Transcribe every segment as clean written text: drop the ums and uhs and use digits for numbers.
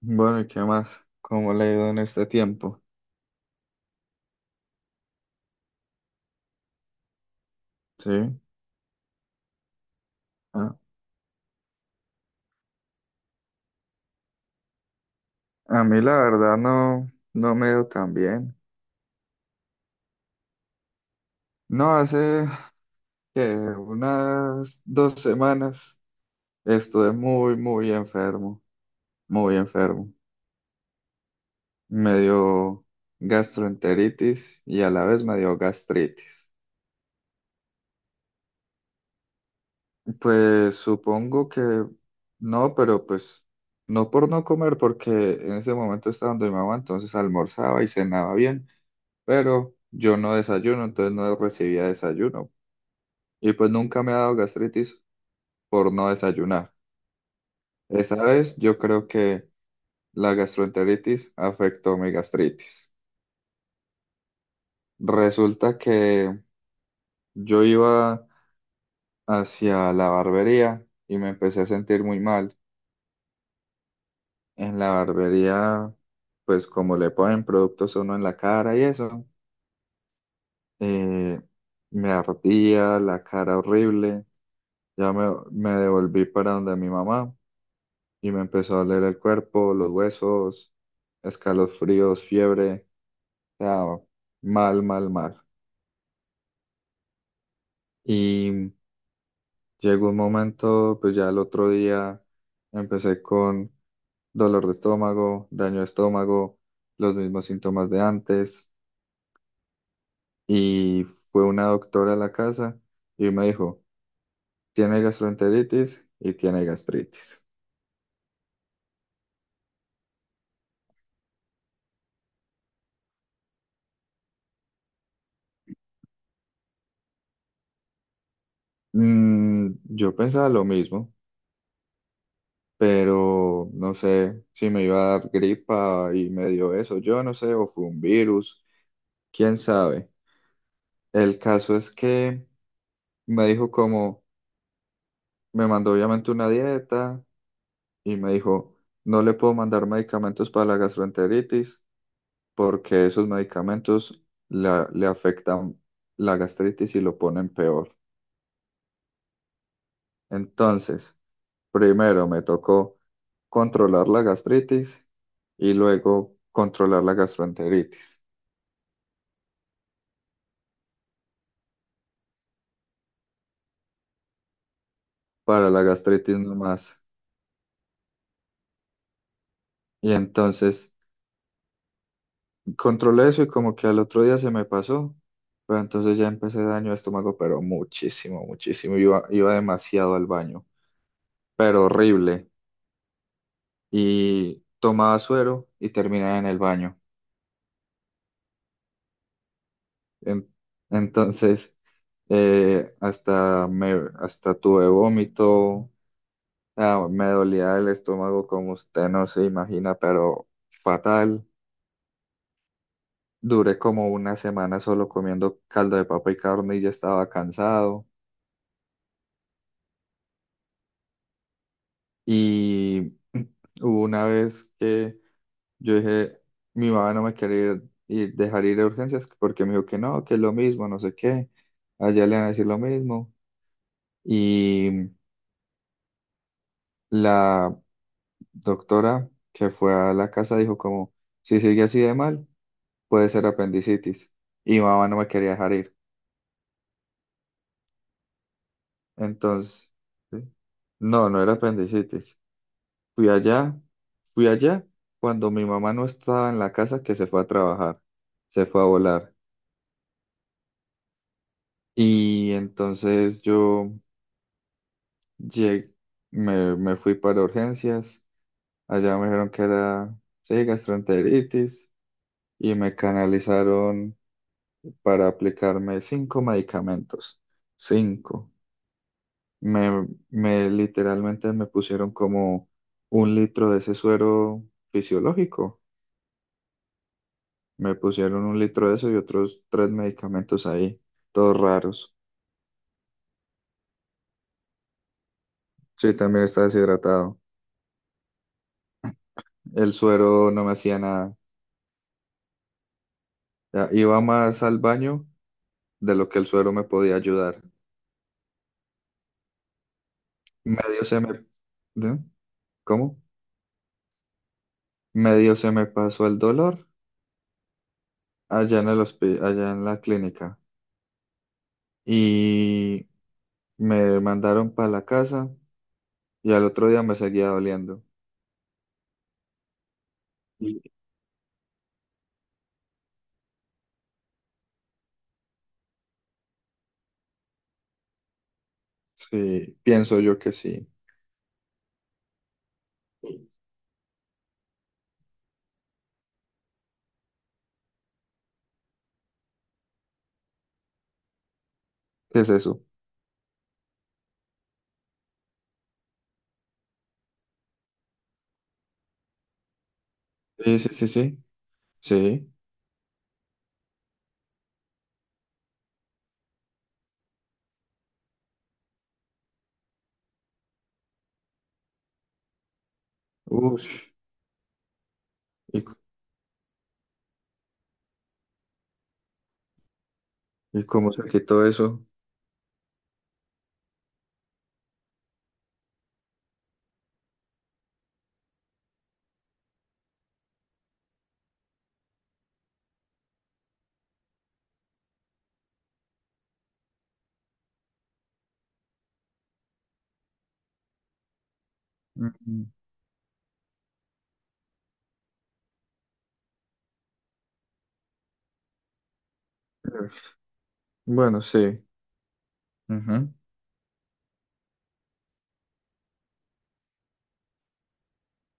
Bueno, ¿y qué más? ¿Cómo le ha ido en este tiempo? Sí. A, a mí la verdad no, no me ha ido tan bien. No, hace que unas 2 semanas estuve muy, muy enfermo, muy enfermo. Me dio gastroenteritis y a la vez me dio gastritis. Pues supongo que no, pero pues no por no comer, porque en ese momento estaba donde mi mamá, entonces almorzaba y cenaba bien. Pero yo no desayuno, entonces no recibía desayuno. Y pues nunca me ha dado gastritis por no desayunar. Esa vez yo creo que la gastroenteritis afectó mi gastritis. Resulta que yo iba hacia la barbería y me empecé a sentir muy mal. En la barbería, pues como le ponen productos a uno en la cara y eso, eh, me ardía la cara horrible. Ya me devolví para donde mi mamá. Y me empezó a doler el cuerpo, los huesos, escalofríos, fiebre, o sea, mal, mal, mal. Y llegó un momento, pues ya el otro día empecé con dolor de estómago, daño de estómago, los mismos síntomas de antes. Y fue una doctora a la casa y me dijo, tiene gastroenteritis y tiene gastritis. Mm, yo pensaba lo mismo. Pero no sé si me iba a dar gripa y me dio eso, yo no sé, o fue un virus, quién sabe. El caso es que me dijo como, me mandó obviamente una dieta y me dijo, no le puedo mandar medicamentos para la gastroenteritis porque esos medicamentos le afectan la gastritis y lo ponen peor. Entonces, primero me tocó controlar la gastritis y luego controlar la gastroenteritis. Para la gastritis nomás. Y entonces controlé eso y como que al otro día se me pasó, pero entonces ya empecé daño de estómago, pero muchísimo, muchísimo. Iba demasiado al baño, pero horrible. Y tomaba suero y terminaba en el baño. En- entonces eh, hasta, me, hasta tuve vómito, ah, me dolía el estómago como usted no se imagina, pero fatal. Duré como una semana solo comiendo caldo de papa y carne y ya estaba cansado. Y hubo una vez que yo dije, mi mamá no me quería dejar ir a urgencias porque me dijo que no, que es lo mismo, no sé qué. Allá le van a decir lo mismo. Y la doctora que fue a la casa dijo como, si sigue así de mal, puede ser apendicitis. Y mi mamá no me quería dejar ir. Entonces, ¿sí? No, no era apendicitis. Fui allá, fui allá cuando mi mamá no estaba en la casa que se fue a trabajar, se fue a volar. Y entonces yo llegué, me fui para urgencias, allá me dijeron que era, sí, gastroenteritis y me canalizaron para aplicarme 5 medicamentos, cinco. Me literalmente me pusieron como 1 litro de ese suero fisiológico. Me pusieron 1 litro de eso y otros 3 medicamentos ahí, todos raros. Sí, también estaba deshidratado. El suero no me hacía nada. Ya, iba más al baño de lo que el suero me podía ayudar. Medio se me... ¿De? ¿Cómo? Medio se me pasó el dolor allá en allá en la clínica. Y me mandaron para la casa y al otro día me seguía doliendo. Y sí, pienso yo que sí. ¿Qué es eso? Sí, sí, sí, sí. Sí. Ush, y, y cómo se quitó eso. Mm, bueno, sí, ujú.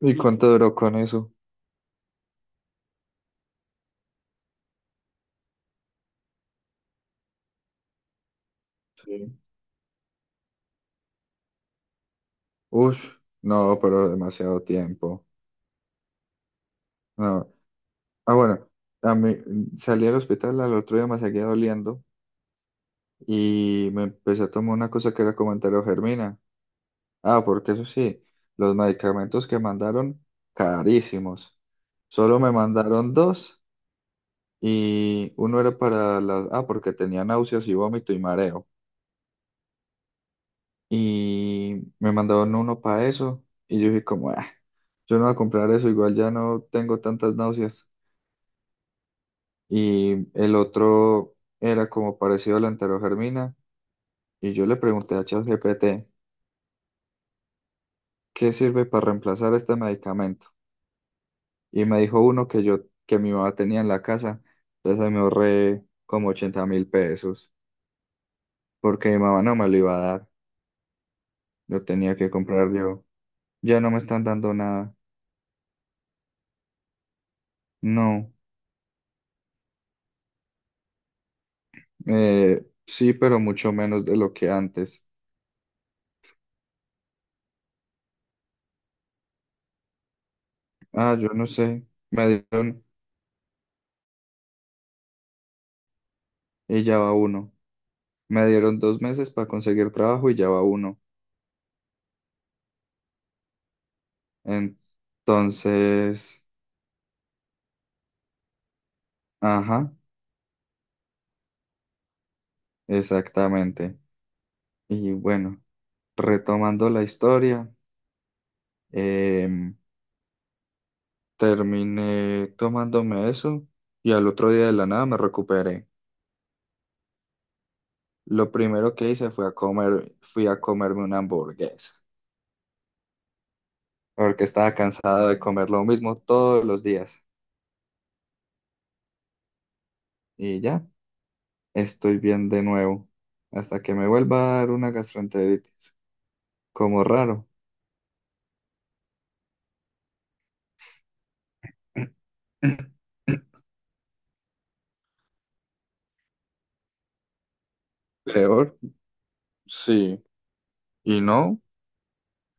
¿Y cuánto duró con eso? Sí. Ush, no, pero demasiado tiempo. No. Ah, bueno, a mí salí al hospital al otro día me seguía doliendo y me empecé a tomar una cosa que era como germina. Ah, porque eso sí, los medicamentos que mandaron, carísimos. Solo me mandaron dos y uno era para las... Ah, porque tenía náuseas y vómito y mareo. Y me mandaron uno para eso y yo dije como, "Ah, yo no voy a comprar eso, igual ya no tengo tantas náuseas". Y el otro era como parecido a la enterogermina y yo le pregunté a ChatGPT, ¿qué sirve para reemplazar este medicamento? Y me dijo uno que yo, que mi mamá tenía en la casa, entonces ahí me ahorré como 80.000 pesos porque mi mamá no me lo iba a dar, lo tenía que comprar yo. Ya no me están dando nada, no. Sí, pero mucho menos de lo que antes. Ah, yo no sé. Me dieron y ya va uno. Me dieron 2 meses para conseguir trabajo y ya va uno. Entonces, ajá, exactamente. Y bueno, retomando la historia, em, terminé tomándome eso y al otro día de la nada me recuperé. Lo primero que hice fue a comer, fui a comerme una hamburguesa porque estaba cansado de comer lo mismo todos los días. Y ya estoy bien de nuevo, hasta que me vuelva a dar una gastroenteritis, como raro. Peor, sí. Y no,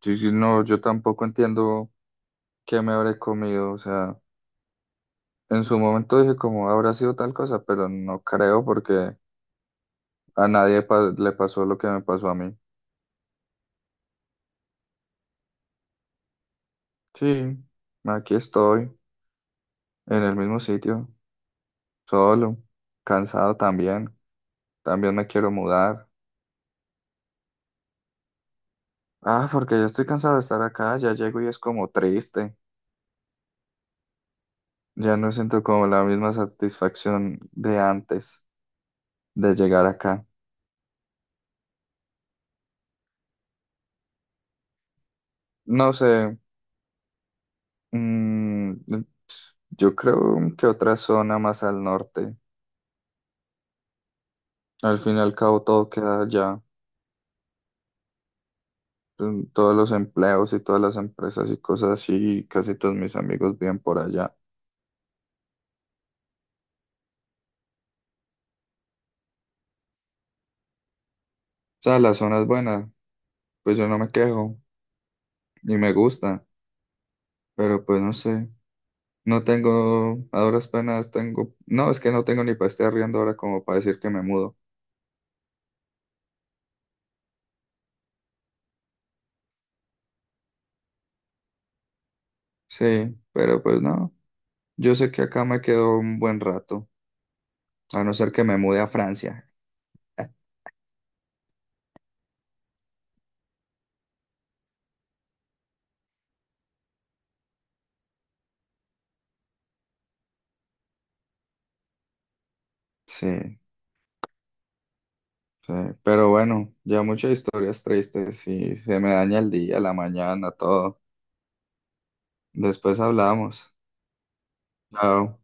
sí, sí, no, yo tampoco entiendo qué me habré comido. O sea, en su momento dije como habrá sido tal cosa, pero no creo porque a nadie pa- le pasó lo que me pasó a mí. Sí, aquí estoy, en el mismo sitio, solo, cansado también. También me quiero mudar. Ah, porque ya estoy cansado de estar acá, ya llego y es como triste. Ya no siento como la misma satisfacción de antes de llegar acá. No sé, mm, yo creo que otra zona más al norte. Al fin y al cabo todo queda allá. Mm, todos los empleos y todas las empresas y cosas así, y casi todos mis amigos viven por allá. O sea, la zona es buena, pues yo no me quejo y me gusta, pero pues no sé. No tengo, a duras penas tengo, no, es que no tengo ni para estar riendo ahora como para decir que me mudo. Sí, pero pues no, yo sé que acá me quedo un buen rato, a no ser que me mude a Francia. Sí, sí, pero bueno, ya muchas historias tristes y se me daña el día, la mañana, todo. Después hablamos. Chao.